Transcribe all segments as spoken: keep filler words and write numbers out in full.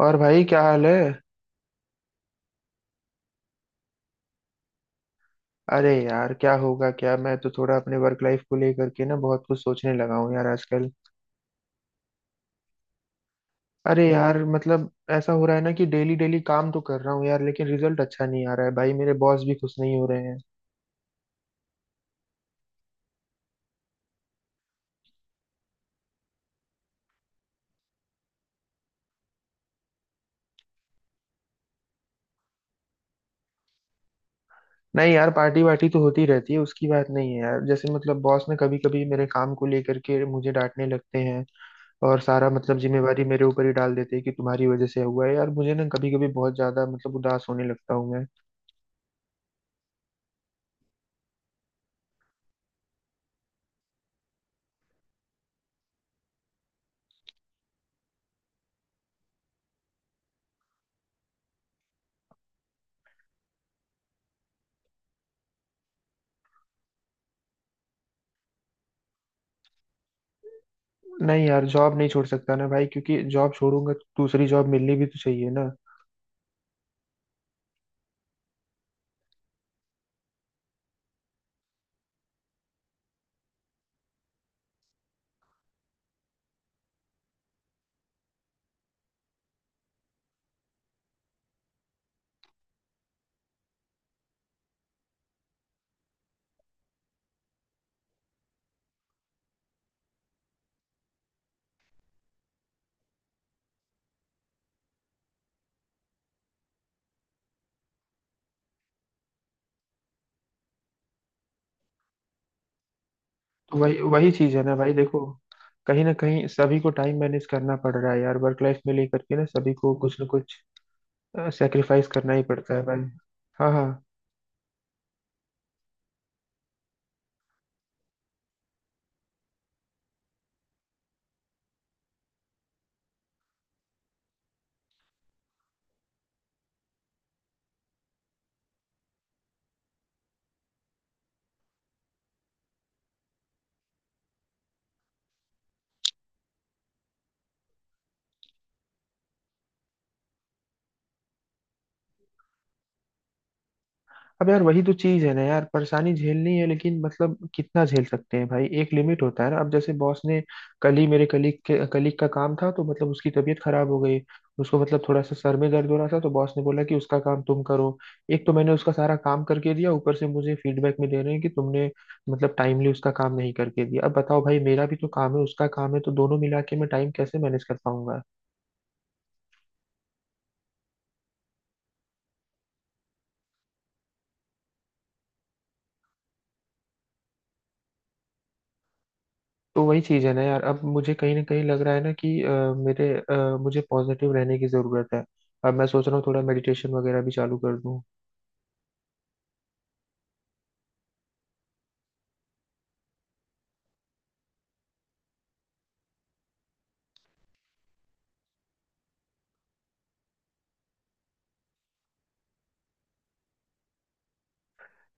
और भाई क्या हाल है। अरे यार क्या होगा क्या, मैं तो थोड़ा अपने वर्क लाइफ को लेकर के ना बहुत कुछ सोचने लगा हूँ यार आजकल। अरे यार मतलब ऐसा हो रहा है ना कि डेली डेली काम तो कर रहा हूँ यार, लेकिन रिजल्ट अच्छा नहीं आ रहा है भाई, मेरे बॉस भी खुश नहीं हो रहे हैं। नहीं यार, पार्टी वार्टी तो होती रहती है, उसकी बात नहीं है यार। जैसे मतलब बॉस ने कभी कभी मेरे काम को लेकर के मुझे डांटने लगते हैं और सारा मतलब जिम्मेवारी मेरे ऊपर ही डाल देते हैं कि तुम्हारी वजह से हुआ है। यार मुझे ना कभी कभी बहुत ज्यादा मतलब उदास होने लगता हूँ मैं। नहीं यार, जॉब नहीं छोड़ सकता ना भाई, क्योंकि जॉब छोड़ूंगा तो दूसरी जॉब मिलनी भी तो चाहिए ना। तो वही वही चीज है ना भाई, देखो कहीं ना कहीं सभी को टाइम मैनेज करना पड़ रहा है यार, वर्क लाइफ में लेकर के ना सभी को कुछ ना कुछ सेक्रीफाइस करना ही पड़ता है भाई। हाँ हाँ। अब यार वही तो चीज है ना यार, परेशानी झेलनी है, लेकिन मतलब कितना झेल सकते हैं भाई, एक लिमिट होता है ना। अब जैसे बॉस ने कल ही, मेरे कलीग के कलीग का काम था तो मतलब उसकी तबीयत खराब हो गई, उसको मतलब थोड़ा सा सर में दर्द हो रहा था, तो बॉस ने बोला कि उसका काम तुम करो। एक तो मैंने उसका सारा काम करके दिया, ऊपर से मुझे फीडबैक में दे रहे हैं कि तुमने मतलब टाइमली उसका काम नहीं करके दिया। अब बताओ भाई, मेरा भी तो काम है, उसका काम है, तो दोनों मिला के मैं टाइम कैसे मैनेज कर पाऊंगा। तो वही चीज़ है ना यार, अब मुझे कहीं ना कहीं लग रहा है ना कि अ, मेरे अ, मुझे पॉजिटिव रहने की ज़रूरत है। अब मैं सोच रहा हूँ थोड़ा मेडिटेशन वगैरह भी चालू कर दूँ।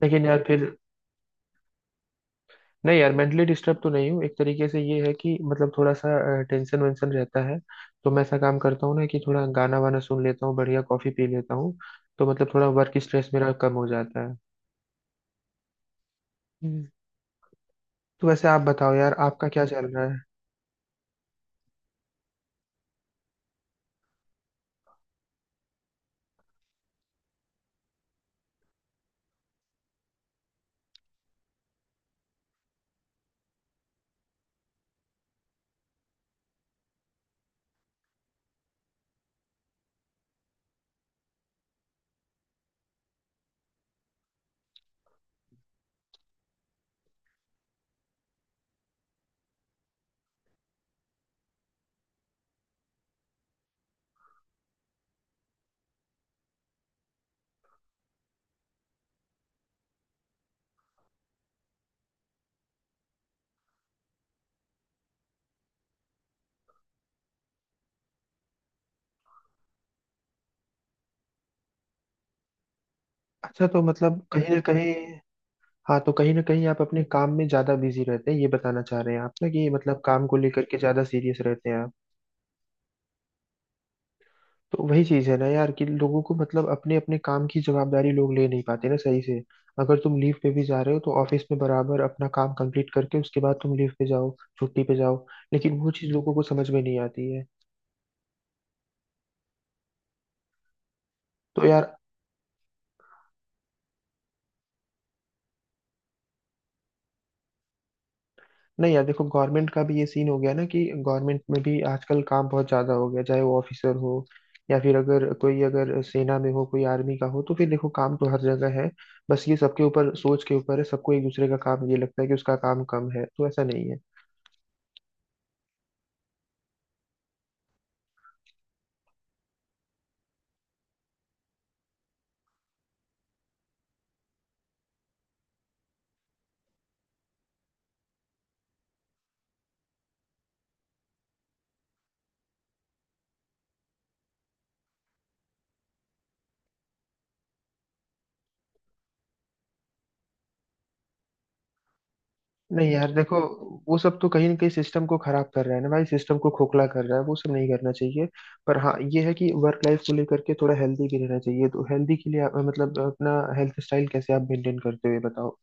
लेकिन यार फिर नहीं यार, मेंटली डिस्टर्ब तो नहीं हूँ, एक तरीके से ये है कि मतलब थोड़ा सा टेंशन वेंशन रहता है। तो मैं ऐसा काम करता हूँ ना कि थोड़ा गाना वाना सुन लेता हूँ, बढ़िया कॉफ़ी पी लेता हूँ, तो मतलब थोड़ा वर्क स्ट्रेस मेरा कम हो जाता है। हम्म। तो वैसे आप बताओ यार, आपका क्या चल रहा है। अच्छा, तो मतलब कहीं ना कहीं, हाँ तो कहीं ना कहीं आप अपने काम में ज्यादा बिजी रहते हैं, ये बताना चाह रहे हैं आप ना, कि मतलब काम को लेकर के ज्यादा सीरियस रहते हैं आप। तो वही चीज है ना यार, कि लोगों को मतलब अपने अपने काम की जवाबदारी लोग ले नहीं पाते ना सही से। अगर तुम लीव पे भी जा रहे हो, तो ऑफिस में बराबर अपना काम कंप्लीट करके उसके बाद तुम लीव पे जाओ, छुट्टी पे जाओ। लेकिन वो चीज लोगों को समझ में नहीं आती है। तो यार नहीं यार देखो, गवर्नमेंट का भी ये सीन हो गया ना कि गवर्नमेंट में भी आजकल काम बहुत ज्यादा हो गया, चाहे वो ऑफिसर हो या फिर अगर कोई, अगर सेना में हो, कोई आर्मी का हो, तो फिर देखो काम तो हर जगह है। बस ये सबके ऊपर, सोच के ऊपर है। सबको एक दूसरे का काम ये लगता है कि उसका काम कम है, तो ऐसा नहीं है। नहीं यार देखो, वो सब तो कहीं ना कहीं सिस्टम को खराब कर रहा है ना भाई, सिस्टम को खोखला कर रहा है, वो सब नहीं करना चाहिए। पर हाँ ये है कि वर्क लाइफ को लेकर के थोड़ा हेल्दी भी रहना चाहिए। तो हेल्दी के लिए आप- मतलब अपना हेल्थ स्टाइल कैसे आप मेंटेन करते हो, ये बताओ।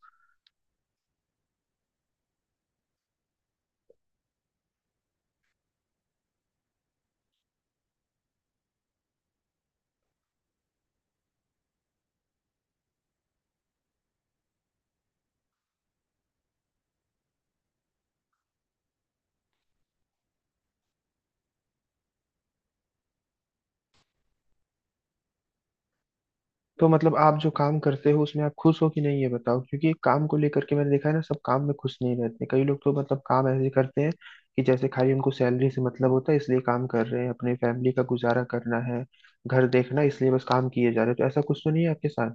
तो मतलब आप जो काम करते हो उसमें आप खुश हो कि नहीं, ये बताओ, क्योंकि काम को लेकर के मैंने देखा है ना, सब काम में खुश नहीं रहते। कई लोग तो मतलब काम ऐसे करते हैं कि जैसे खाली उनको सैलरी से मतलब होता है, इसलिए काम कर रहे हैं, अपने फैमिली का गुजारा करना है, घर देखना है, इसलिए बस काम किए जा रहे हैं। तो ऐसा कुछ तो नहीं है आपके साथ।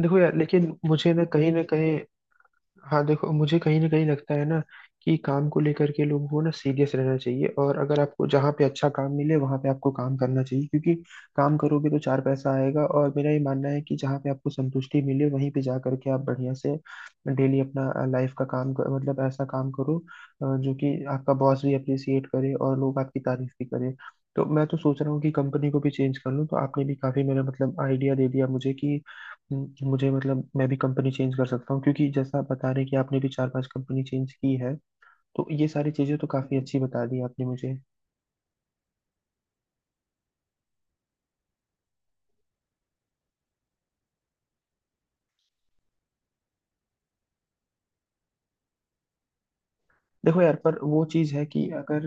देखो यार, लेकिन मुझे ना कहीं ना कहीं, हाँ देखो मुझे कहीं ना कहीं लगता है ना कि काम को लेकर के लोगों को ना सीरियस रहना चाहिए, और अगर आपको जहाँ पे अच्छा काम मिले वहाँ पे आपको काम करना चाहिए, क्योंकि काम करोगे तो चार पैसा आएगा। और मेरा ये मानना है कि जहाँ पे आपको संतुष्टि मिले वहीं पे जा करके आप बढ़िया से डेली अपना लाइफ का काम कर, मतलब ऐसा काम करो अ, जो कि आपका बॉस भी अप्रिसिएट करे और लोग आपकी तारीफ भी करें। तो मैं तो सोच रहा हूँ कि कंपनी को भी चेंज कर लूँ, तो आपने भी काफी मेरा मतलब आइडिया दे दिया मुझे कि हम्म, मुझे मतलब मैं भी कंपनी चेंज कर सकता हूँ, क्योंकि जैसा आप बता रहे हैं कि आपने भी चार पांच कंपनी चेंज की है। तो ये सारी चीजें तो काफी अच्छी बता दी आपने मुझे। देखो यार, पर वो चीज है कि अगर,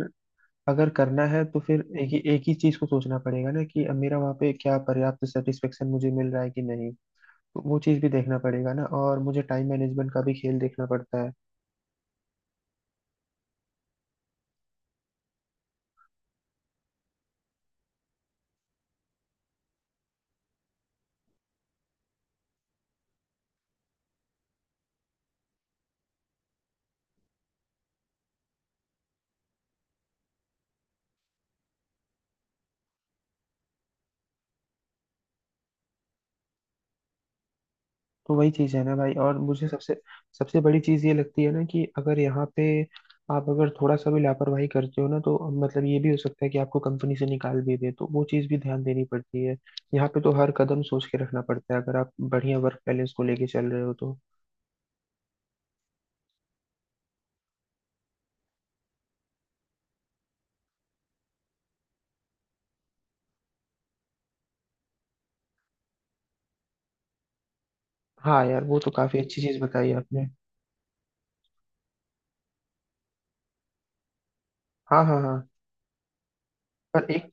अगर करना है तो फिर एक ही एक ही चीज को सोचना पड़ेगा ना कि मेरा वहाँ पे क्या पर्याप्त सेटिस्फेक्शन मुझे मिल रहा है कि नहीं। तो वो चीज भी देखना पड़ेगा ना, और मुझे टाइम मैनेजमेंट का भी खेल देखना पड़ता है। तो वही चीज है ना भाई, और मुझे सबसे सबसे बड़ी चीज ये लगती है ना कि अगर यहाँ पे आप अगर थोड़ा सा भी लापरवाही करते हो ना, तो मतलब ये भी हो सकता है कि आपको कंपनी से निकाल भी दे, तो वो चीज भी ध्यान देनी पड़ती है। यहाँ पे तो हर कदम सोच के रखना पड़ता है, अगर आप बढ़िया वर्क बैलेंस को लेके चल रहे हो तो। हाँ यार, वो तो काफी अच्छी चीज बताई आपने। हाँ हाँ हाँ। पर एक,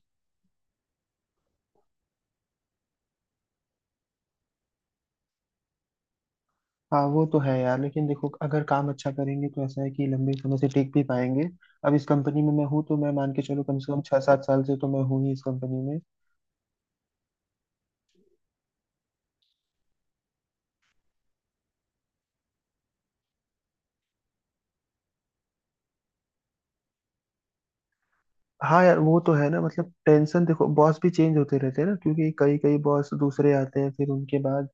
हाँ वो तो है यार, लेकिन देखो अगर काम अच्छा करेंगे तो ऐसा है कि लंबे समय से टिक भी पाएंगे। अब इस कंपनी में मैं हूँ, तो मैं मान के चलो कम से कम छह सात साल से तो मैं हूँ ही इस कंपनी में। हाँ यार वो तो है ना, मतलब टेंशन देखो, बॉस भी चेंज होते रहते हैं ना, क्योंकि कई कई बॉस दूसरे आते हैं, फिर उनके बाद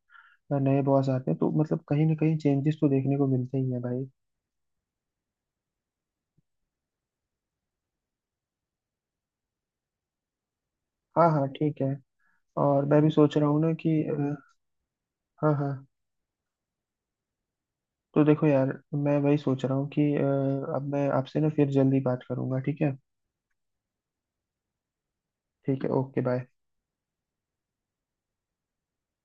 नए बॉस आते हैं, तो मतलब कहीं ना कहीं चेंजेस तो देखने को मिलते ही है भाई। हाँ हाँ ठीक है। और मैं भी सोच रहा हूँ ना कि अ, हाँ हाँ। तो देखो यार मैं वही सोच रहा हूँ कि अ, अब मैं आपसे ना फिर जल्दी बात करूंगा, ठीक है। ठीक है, ओके बाय।